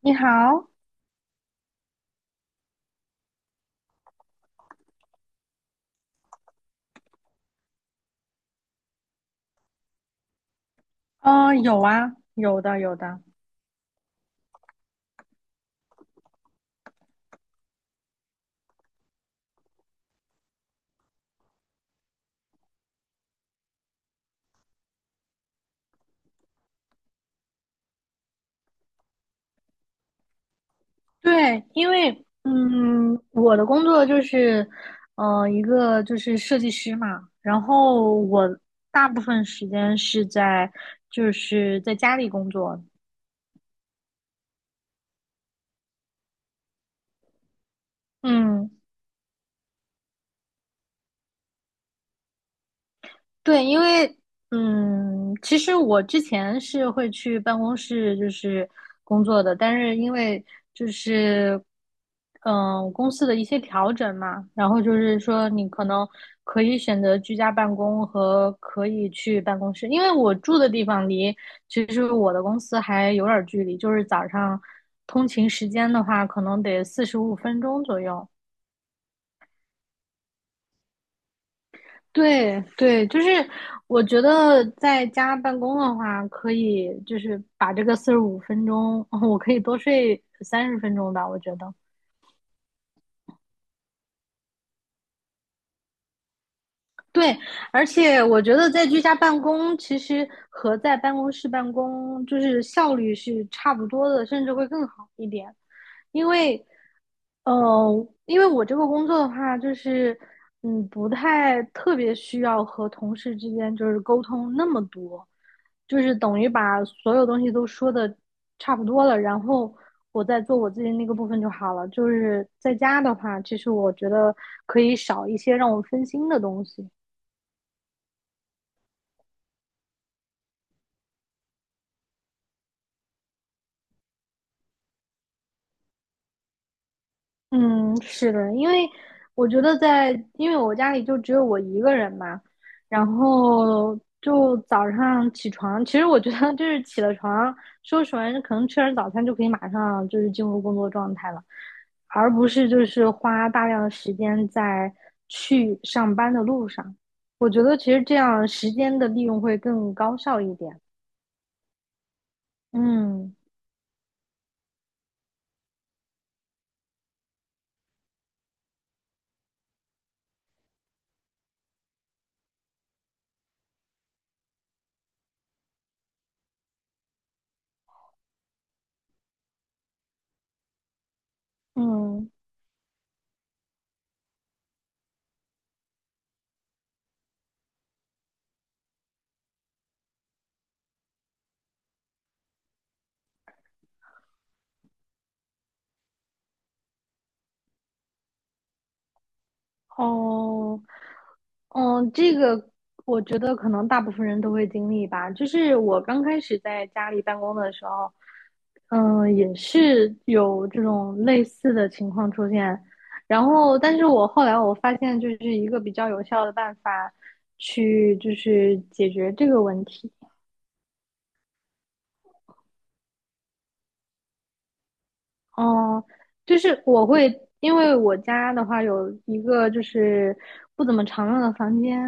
你好。有啊，有的，有的。对，因为，我的工作就是，一个就是设计师嘛。然后我大部分时间是在就是在家里工作，嗯。对，因为其实我之前是会去办公室就是工作的。但是因为就是公司的一些调整嘛，然后就是说你可能可以选择居家办公和可以去办公室。因为我住的地方离其实我的公司还有点儿距离，就是早上通勤时间的话，可能得四十五分钟左右。对对，就是我觉得在家办公的话，可以就是把这个四十五分钟，我可以多睡30分钟吧，我觉得。对，而且我觉得在居家办公，其实和在办公室办公就是效率是差不多的，甚至会更好一点。因为因为我这个工作的话，就是不太特别需要和同事之间就是沟通那么多，就是等于把所有东西都说的差不多了，然后我再做我自己那个部分就好了。就是在家的话，其实我觉得可以少一些让我分心的东西。嗯，是的，因为我觉得在，因为我家里就只有我一个人嘛。然后就早上起床，其实我觉得就是起了床，收拾完可能吃完早餐就可以马上就是进入工作状态了，而不是就是花大量的时间在去上班的路上。我觉得其实这样时间的利用会更高效一点。嗯嗯。哦，这个我觉得可能大部分人都会经历吧。就是我刚开始在家里办公的时候，也是有这种类似的情况出现。然后，但是我后来发现，就是一个比较有效的办法去就是解决这个问题。哦，就是我会，因为我家的话有一个就是不怎么常用的房间，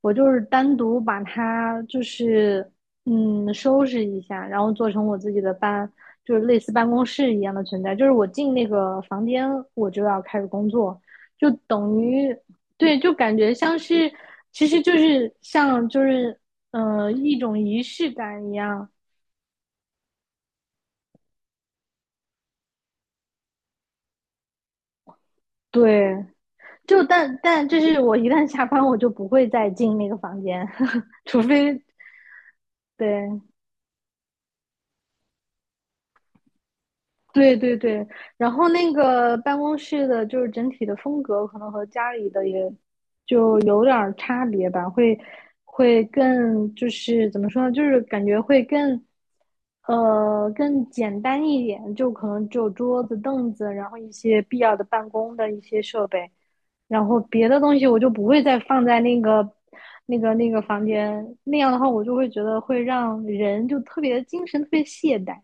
我就是单独把它就是收拾一下，然后做成我自己的就是类似办公室一样的存在。就是我进那个房间，我就要开始工作，就等于对，就感觉像是，其实就是像就是一种仪式感一样，对。就但就是我一旦下班，我就不会再进那个房间，除非对对对对。然后那个办公室的，就是整体的风格可能和家里的也就有点儿差别吧，会更就是怎么说呢，就是感觉会更更简单一点，就可能只有桌子、凳子，然后一些必要的办公的一些设备，然后别的东西我就不会再放在那个房间，那样的话我就会觉得会让人就特别精神特别懈怠。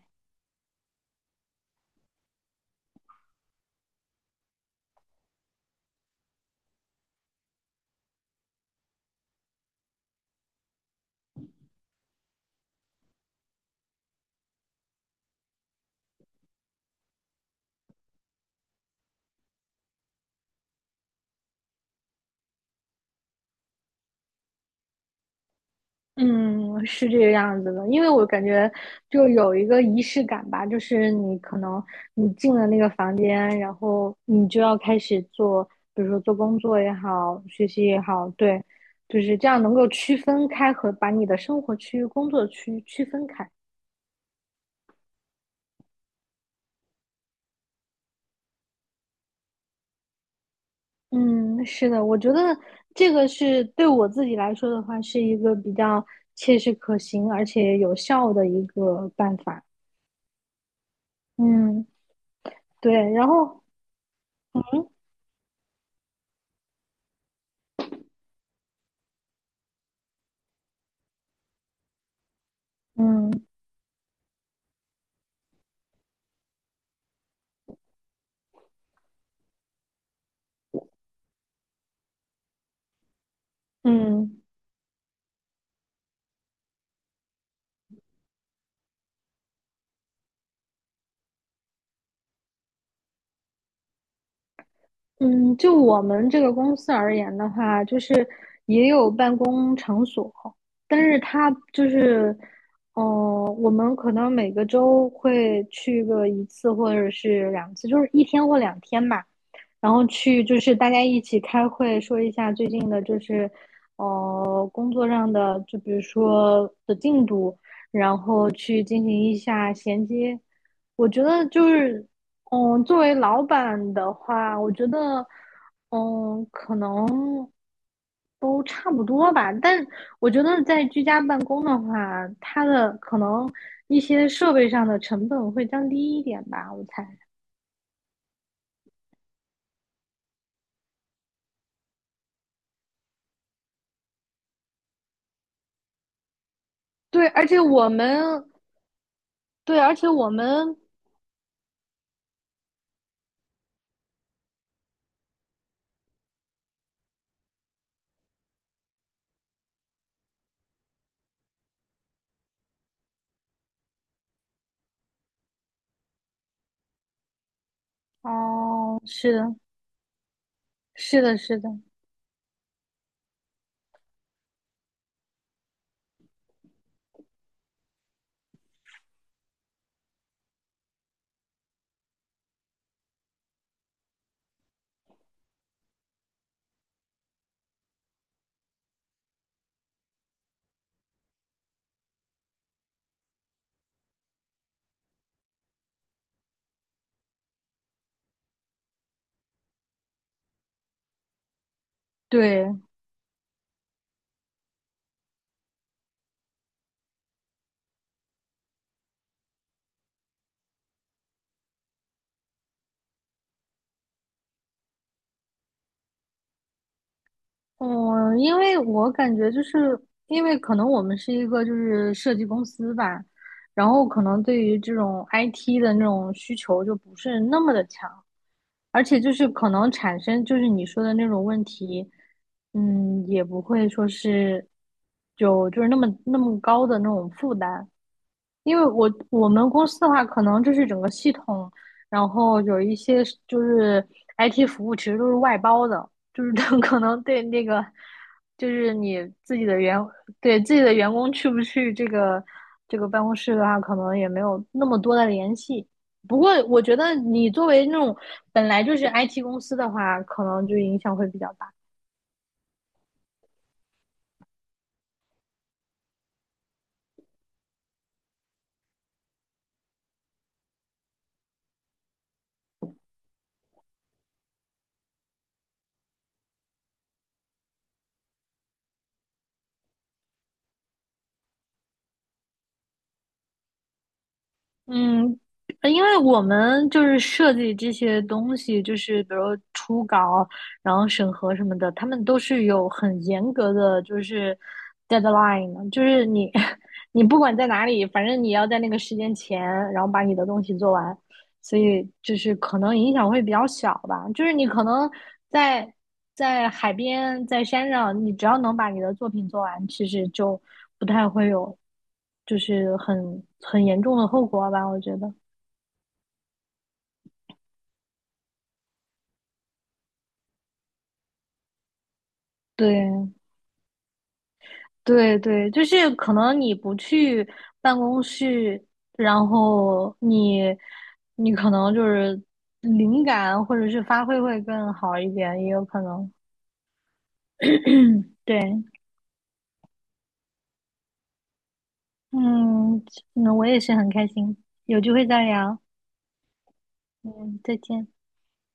嗯，是这个样子的，因为我感觉就有一个仪式感吧。就是你可能进了那个房间，然后你就要开始做，比如说做工作也好，学习也好，对。就是这样能够区分开和把你的生活区、工作区区分开。嗯，是的，我觉得这个是对我自己来说的话，是一个比较切实可行而且有效的一个办法。嗯，对，然后嗯嗯。嗯嗯，就我们这个公司而言的话，就是也有办公场所。但是它就是，嗯，我们可能每个周会去个一次或者是两次，就是一天或两天吧，然后去就是大家一起开会，说一下最近的，就是，工作上的，就比如说的进度，然后去进行一下衔接。我觉得就是。作为老板的话，我觉得，可能都差不多吧。但我觉得在居家办公的话，它的可能一些设备上的成本会降低一点吧，我猜。对，而且我们，对，而且我们，哦，是的，是的，是的，对。嗯，因为我感觉就是因为可能我们是一个就是设计公司吧，然后可能对于这种 IT 的那种需求就不是那么的强，而且就是可能产生就是你说的那种问题。也不会说是就是那么那么高的那种负担，因为我们公司的话，可能就是整个系统，然后有一些是就是 IT 服务，其实都是外包的，就是他 可能对那个就是你自己的员对自己的员工去不去这个办公室的话，可能也没有那么多的联系。不过我觉得你作为那种本来就是 IT 公司的话，可能就影响会比较大。嗯，因为我们就是设计这些东西，就是比如初稿，然后审核什么的，他们都是有很严格的就是 deadline 的就是你 你不管在哪里，反正你要在那个时间前，然后把你的东西做完。所以就是可能影响会比较小吧。就是你可能在在海边、在山上，你只要能把你的作品做完，其实就不太会有就是很严重的后果吧。我觉得，对对对，就是可能你不去办公室，然后你可能就是灵感或者是发挥会更好一点，也有可能。对。嗯，那我也是很开心，有机会再聊。嗯，再见。